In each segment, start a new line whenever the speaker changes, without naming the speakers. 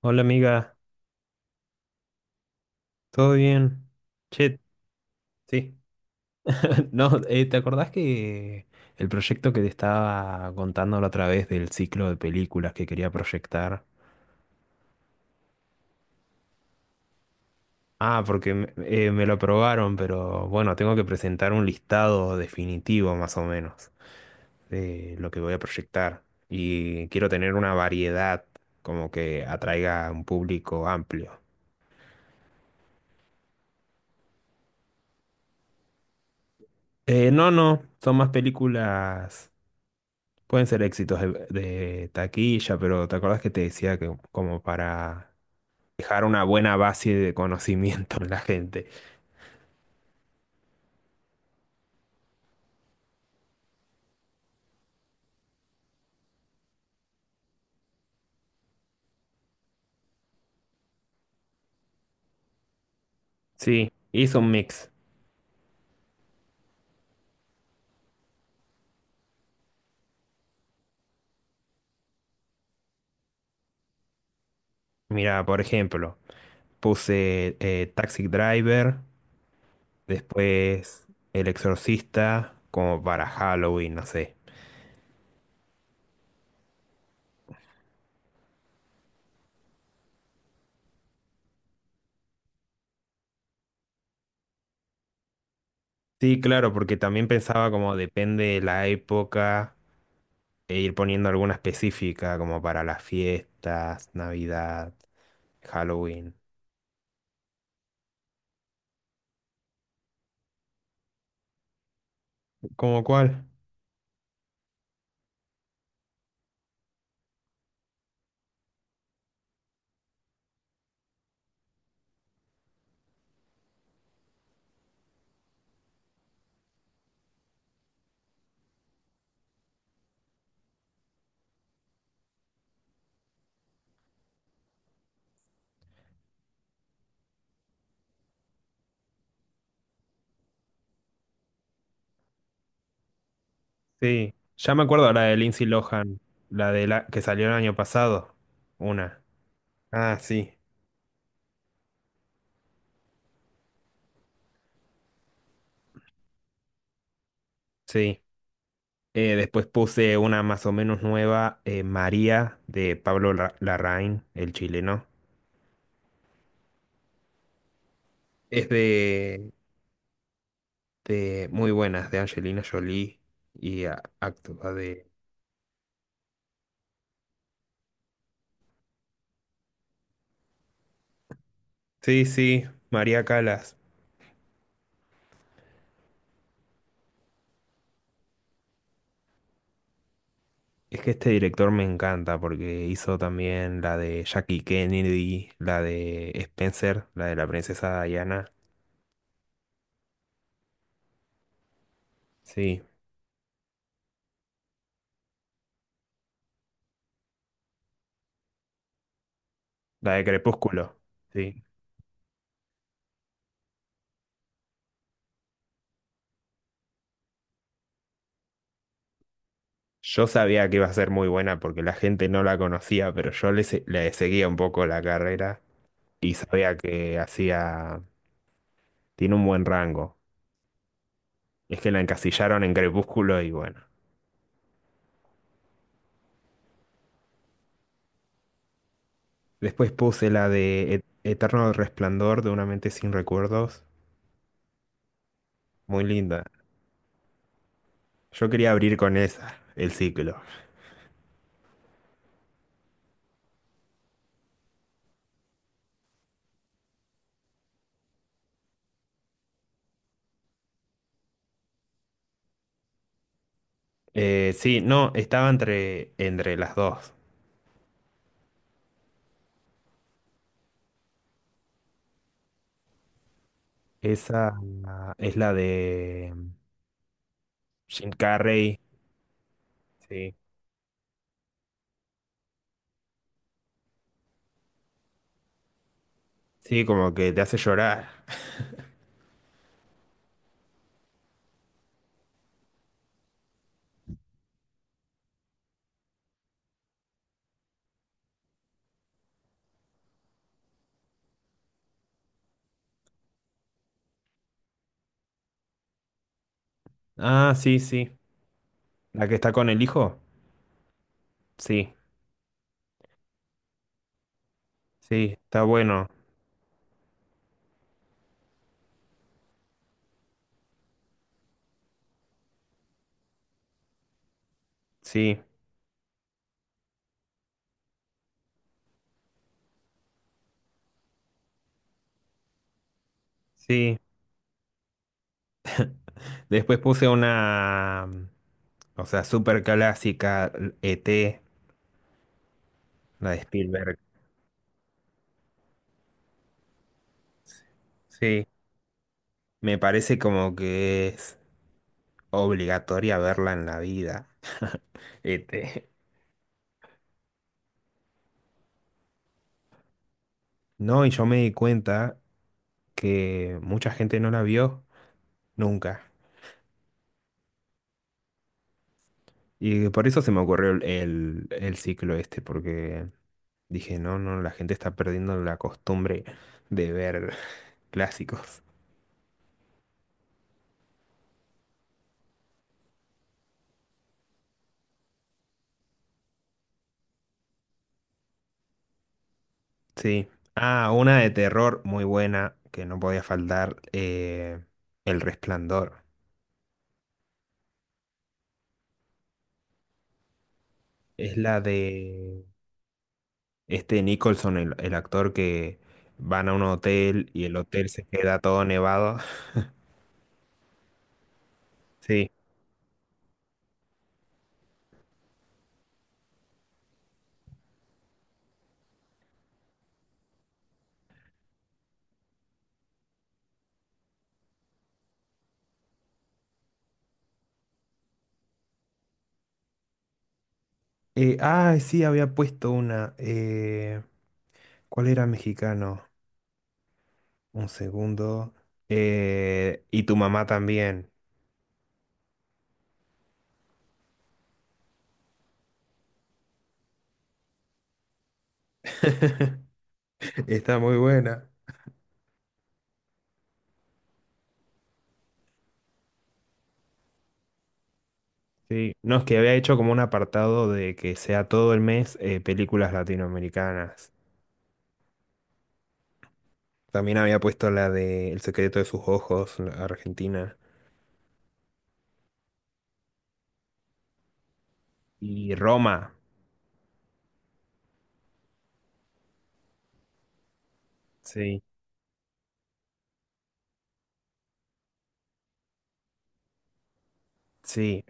Hola amiga, ¿todo bien? Che, sí. No, ¿te acordás que el proyecto que te estaba contando la otra vez del ciclo de películas que quería proyectar? Ah, porque me lo aprobaron, pero bueno, tengo que presentar un listado definitivo más o menos de lo que voy a proyectar. Y quiero tener una variedad como que atraiga a un público amplio. No, no, son más películas. Pueden ser éxitos de taquilla, pero ¿te acuerdas que te decía que como para dejar una buena base de conocimiento en la gente? Sí, hice un mix. Mira, por ejemplo, puse Taxi Driver, después El Exorcista, como para Halloween, no sé. Sí, claro, porque también pensaba como depende de la época, e ir poniendo alguna específica, como para las fiestas, Navidad, Halloween. ¿Como cuál? Sí, ya me acuerdo la de Lindsay Lohan, la de la que salió el año pasado. Una. Ah, sí. Sí. Después puse una más o menos nueva, María, de Larraín, el chileno. Es de muy buenas, de Angelina Jolie y actúa de. Sí, sí, María Calas. Es que este director me encanta porque hizo también la de Jackie Kennedy, la de Spencer, la de la princesa Diana. Sí. La de Crepúsculo, sí. Yo sabía que iba a ser muy buena porque la gente no la conocía, pero yo le seguía un poco la carrera y sabía que hacía... Tiene un buen rango. Es que la encasillaron en Crepúsculo y bueno. Después puse la de Eterno Resplandor de una mente sin recuerdos. Muy linda. Yo quería abrir con esa, el ciclo. Sí, no, estaba entre las dos. Esa ah, es la de Jim Carrey. Sí. Sí, como que te hace llorar. Ah, sí, sí. La que está con el hijo. Sí, sí, está bueno. Sí, sí. Después puse una, mm, o sea, súper clásica, ET, la de Spielberg. Sí, me parece como que es obligatoria verla en la vida. ET. No, y yo me di cuenta que mucha gente no la vio nunca. Y por eso se me ocurrió el ciclo este, porque dije, no, no, la gente está perdiendo la costumbre de ver clásicos. Sí. Ah, una de terror muy buena que no podía faltar, El Resplandor. Es la de este Nicholson, el actor que van a un hotel y el hotel se queda todo nevado. Sí. Sí, había puesto una. ¿Cuál era mexicano? Un segundo. Y tu mamá también. Está muy buena. Sí, no, es que había hecho como un apartado de que sea todo el mes películas latinoamericanas. También había puesto la de El secreto de sus ojos, la argentina. Y Roma. Sí, sí,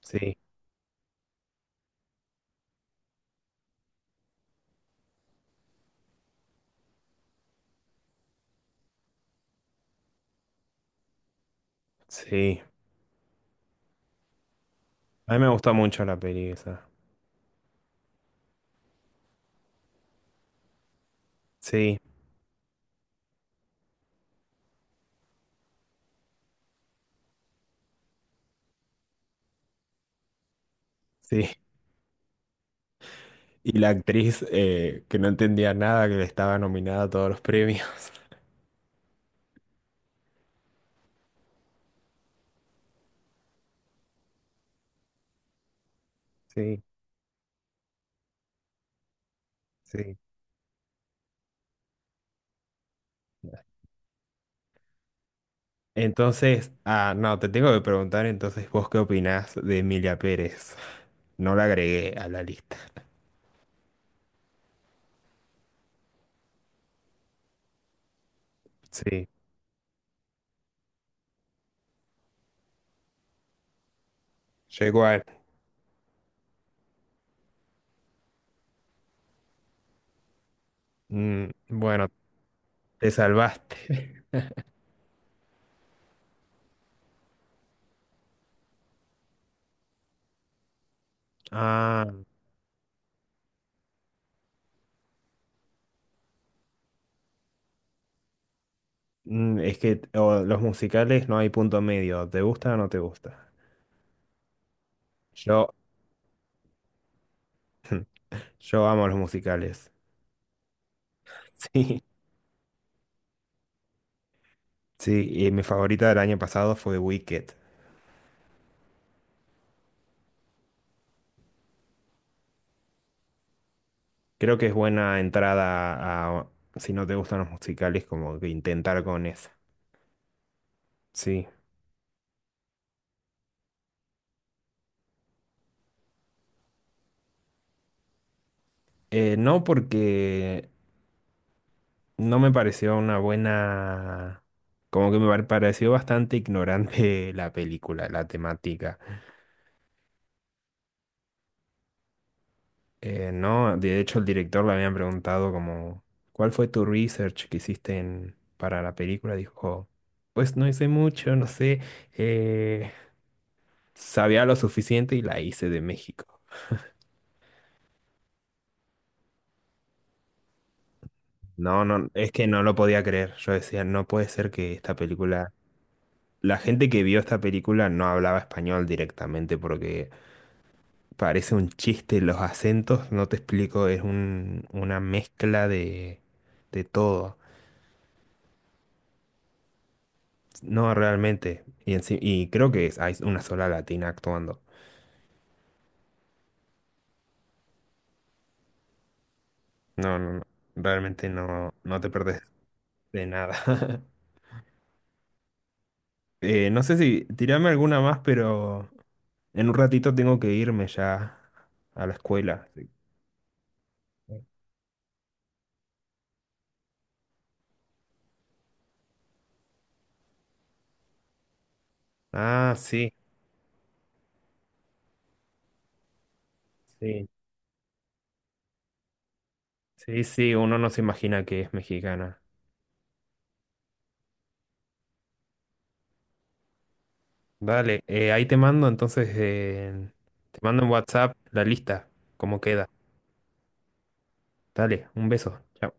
sí, sí. A mí me gustó mucho la peli esa. Sí, sí. Y la actriz que no entendía nada, que le estaba nominada a todos los premios. Sí, sí. Entonces, ah, no, te tengo que preguntar entonces vos qué opinás de Emilia Pérez. No la agregué a la lista. Sí, yo igual. Mm, bueno, te salvaste. Ah, mm, es que o los musicales no hay punto medio. ¿Te gusta o no te gusta? Yo, yo amo los musicales. Sí, sí, y mi favorita del año pasado fue Wicked. Creo que es buena entrada a, si no te gustan los musicales, como que intentar con esa. Sí. No porque no me pareció una buena... Como que pareció bastante ignorante la película, la temática. No, de hecho el director le habían preguntado como, ¿cuál fue tu research que hiciste para la película? Dijo, pues no hice mucho, no sé, eh, sabía lo suficiente y la hice de México. No, no, es que no lo podía creer. Yo decía, no puede ser que esta película... La gente que vio esta película no hablaba español directamente porque... Parece un chiste los acentos, no te explico, es una mezcla de todo. No, realmente. Y, y creo que es, hay una sola latina actuando. No, no, no. Realmente no, no te perdés de nada. No sé si tirame alguna más, pero en un ratito tengo que irme ya a la escuela. Sí. Ah, sí, sí. Sí, sí, uno no se imagina que es mexicana. Dale, ahí te mando entonces, te mando en WhatsApp la lista, cómo queda. Dale, un beso. Chao.